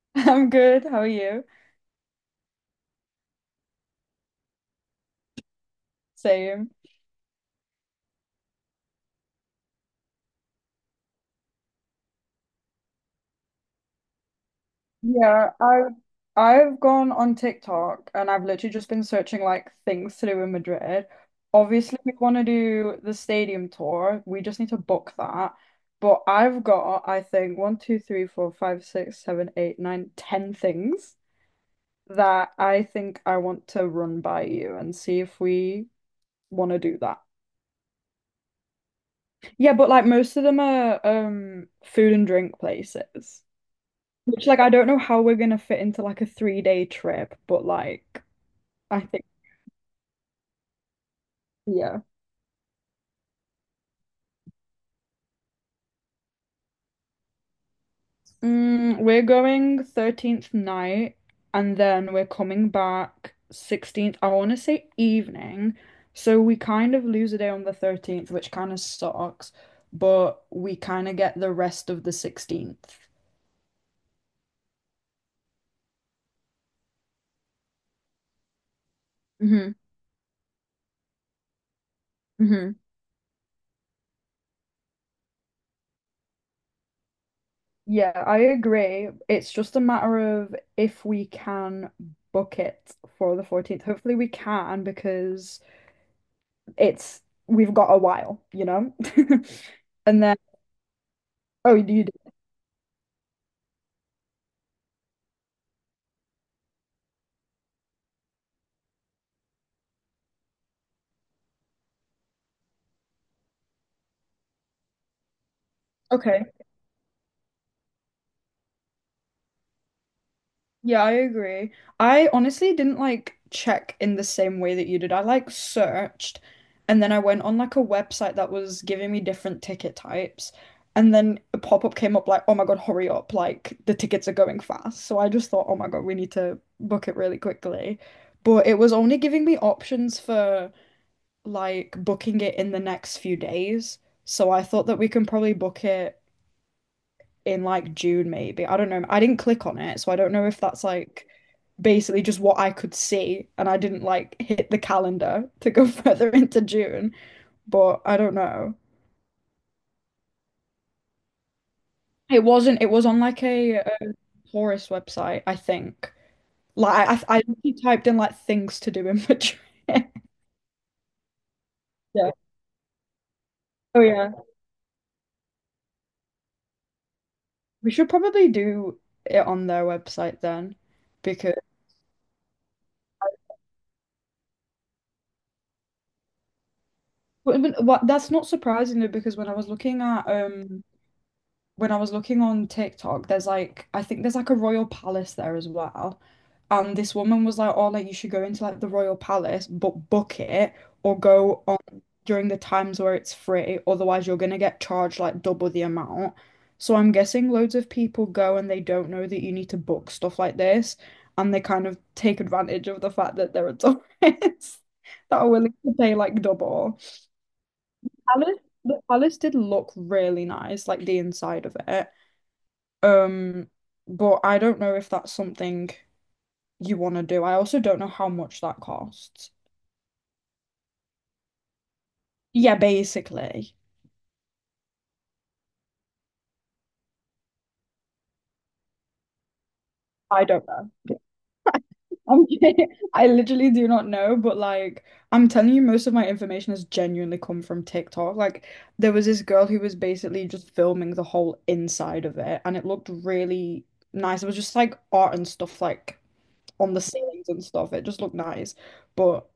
I'm good. How are you? Same. Yeah, I've gone on TikTok and I've literally just been searching like things to do in Madrid. Obviously, we want to do the stadium tour. We just need to book that. But I've got, I think, one, two, three, four, five, six, seven, eight, nine, ten things that I think I want to run by you and see if we want to do that. Yeah, but like most of them are food and drink places. Which like I don't know how we're gonna fit into like a 3-day trip, but like I think yeah. We're going 13th night and then we're coming back 16th. I want to say evening. So we kind of lose a day on the 13th, which kind of sucks, but we kind of get the rest of the 16th. Hmm. Hmm. Yeah, I agree. It's just a matter of if we can book it for the 14th. Hopefully we can because it's we've got a while, you know? And then, oh, you did. Okay. Yeah, I agree. I honestly didn't like check in the same way that you did. I like searched and then I went on like a website that was giving me different ticket types. And then a pop-up came up like, oh my God, hurry up. Like the tickets are going fast. So I just thought, oh my God, we need to book it really quickly. But it was only giving me options for like booking it in the next few days. So I thought that we can probably book it in like June, maybe. I don't know. I didn't click on it, so I don't know if that's like basically just what I could see, and I didn't like hit the calendar to go further into June. But I don't know. It wasn't. It was on like a tourist website, I think. Like I literally typed in like things to do in Madrid. Yeah. Oh yeah. We should probably do it on their website then, because. Well, but what, that's not surprising though, because when I was looking on TikTok, there's like I think there's like a royal palace there as well. And this woman was like, oh, like you should go into like the royal palace, but book it or go on during the times where it's free, otherwise you're gonna get charged like double the amount. So I'm guessing loads of people go and they don't know that you need to book stuff like this and they kind of take advantage of the fact that there are tourists that are willing to pay like double palace, the palace did look really nice, like the inside of it. Um, but I don't know if that's something you want to do. I also don't know how much that costs. Yeah, basically. I don't know. I'm kidding. I literally do not know, but like I'm telling you, most of my information has genuinely come from TikTok. Like there was this girl who was basically just filming the whole inside of it, and it looked really nice. It was just like art and stuff like on the ceilings and stuff. It just looked nice. But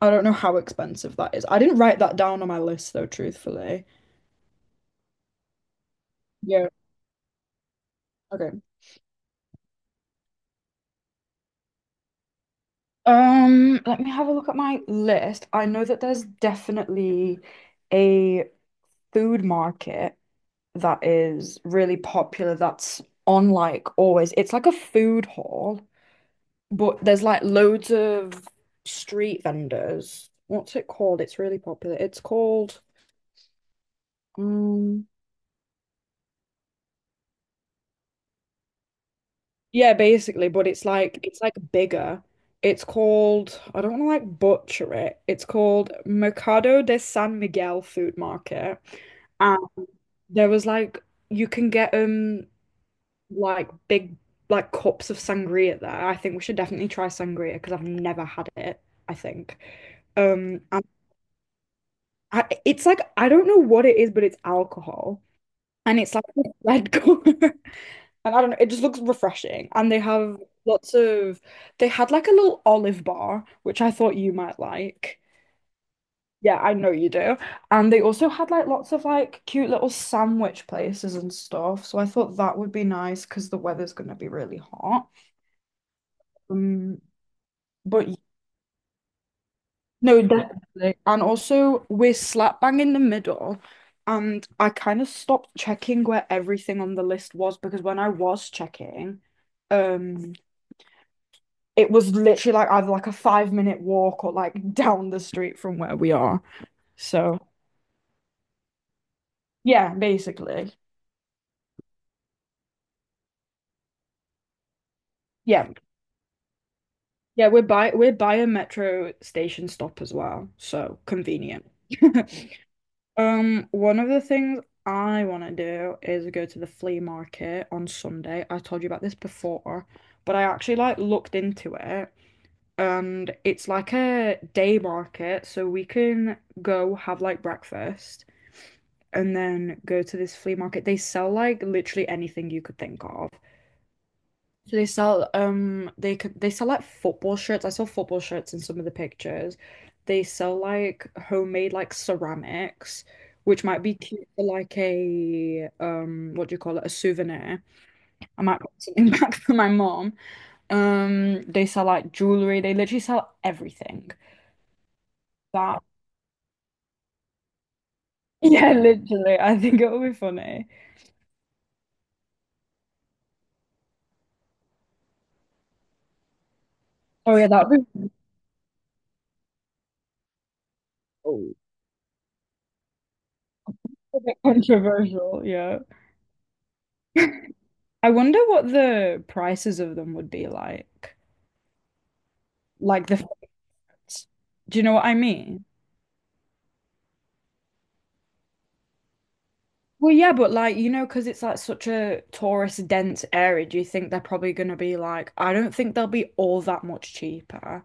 I don't know how expensive that is. I didn't write that down on my list though, truthfully. Yeah. Okay. Let me have a look at my list. I know that there's definitely a food market that is really popular that's on like always. It's like a food hall, but there's like loads of street vendors. What's it called? It's really popular. It's called um yeah, basically, but it's like bigger. It's called, I don't want to like butcher it. It's called Mercado de San Miguel Food Market. And there was like you can get like big like cups of sangria there. I think we should definitely try sangria because I've never had it, I think. Um and it's like I don't know what it is, but it's alcohol and it's like a red color. And I don't know, it just looks refreshing. And they have lots of, they had like a little olive bar, which I thought you might like. Yeah, I know you do. And they also had like lots of like cute little sandwich places and stuff. So I thought that would be nice because the weather's going to be really hot. Um, but y- no, definitely. And also, we're slap bang in the middle. And I kind of stopped checking where everything on the list was because when I was checking, um, it was literally like either like a 5-minute walk or like down the street from where we are. So yeah, basically. Yeah. Yeah, we're by a metro station stop as well, so convenient. One of the things I want to do is go to the flea market on Sunday. I told you about this before, but I actually like looked into it and it's like a day market, so we can go have like breakfast and then go to this flea market. They sell like literally anything you could think of. So they sell like football shirts. I saw football shirts in some of the pictures. They sell like homemade like ceramics, which might be cute for like a what do you call it? A souvenir. I might put something back for my mom. They sell like jewelry. They literally sell everything. That yeah, literally. I think it'll be funny. Oh yeah, that would be a bit controversial, yeah. I wonder what the prices of them would be like. Like the, do you know what I mean? Well, yeah, but like, you know, because it's like such a tourist dense area, do you think they're probably going to be like, I don't think they'll be all that much cheaper.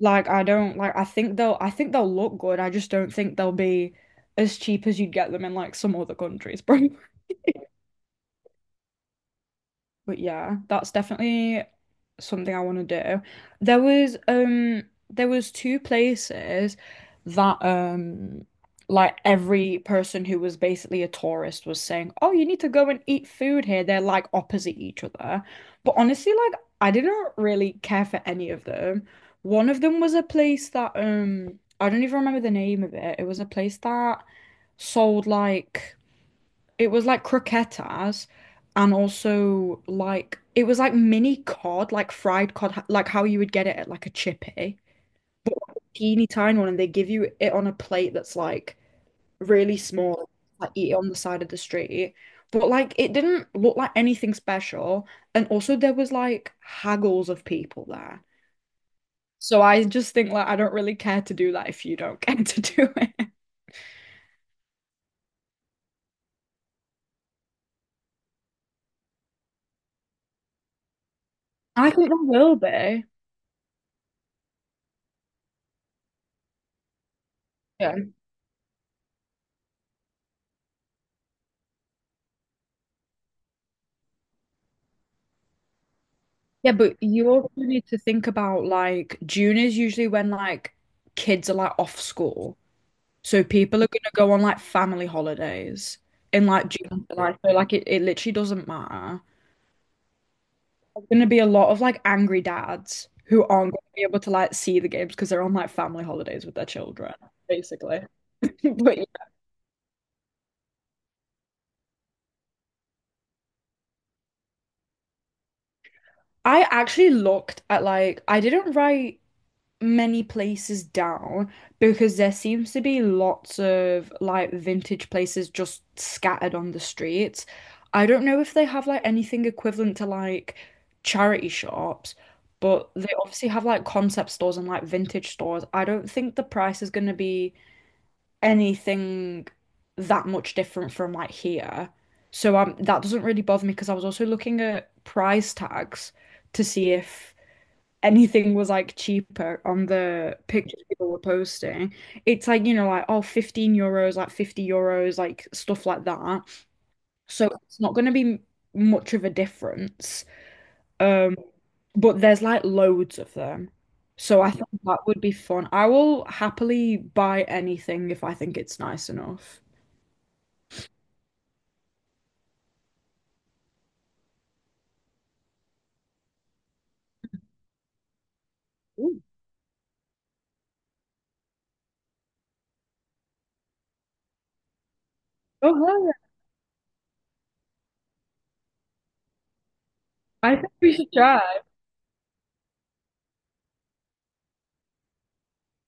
Like, I don't like, I think they'll look good. I just don't think they'll be as cheap as you'd get them in like some other countries, bro. But yeah, that's definitely something I want to do. There was um there was two places that like every person who was basically a tourist was saying, "Oh, you need to go and eat food here." They're like opposite each other. But honestly, like I didn't really care for any of them. One of them was a place that I don't even remember the name of it. It was a place that sold like it was like croquetas and also like it was like mini cod, like fried cod, like how you would get it at like a chippy. Teeny tiny one, and they give you it on a plate that's like really small, like eat it on the side of the street. But like it didn't look like anything special. And also there was like haggles of people there. So I just think like I don't really care to do that if you don't care to do it. I think there will be. Yeah. Yeah, but you also need to think about like June is usually when like kids are like off school. So people are gonna go on like family holidays in like June and July. So like it literally doesn't matter. There's gonna be a lot of like angry dads who aren't gonna be able to like see the games because they're on like family holidays with their children, basically. But yeah. I actually looked at like I didn't write many places down because there seems to be lots of like vintage places just scattered on the streets. I don't know if they have like anything equivalent to like charity shops, but they obviously have like concept stores and like vintage stores. I don't think the price is going to be anything that much different from like here. So that doesn't really bother me because I was also looking at price tags to see if anything was like cheaper on the pictures people were posting. It's like, you know, like, oh, €15, like 50 euros, like stuff like that. So it's not going to be much of a difference. Um, but there's like loads of them. So I think that would be fun. I will happily buy anything if I think it's nice enough. Ooh. Oh, yeah. I think we should try.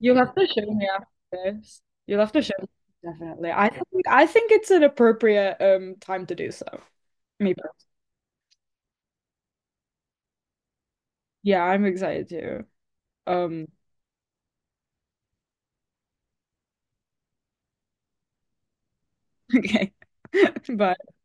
You'll have to show me after this. You'll have to show me, definitely. I think it's an appropriate time to do so. Me, per- yeah, I'm excited too. Um, okay, bye.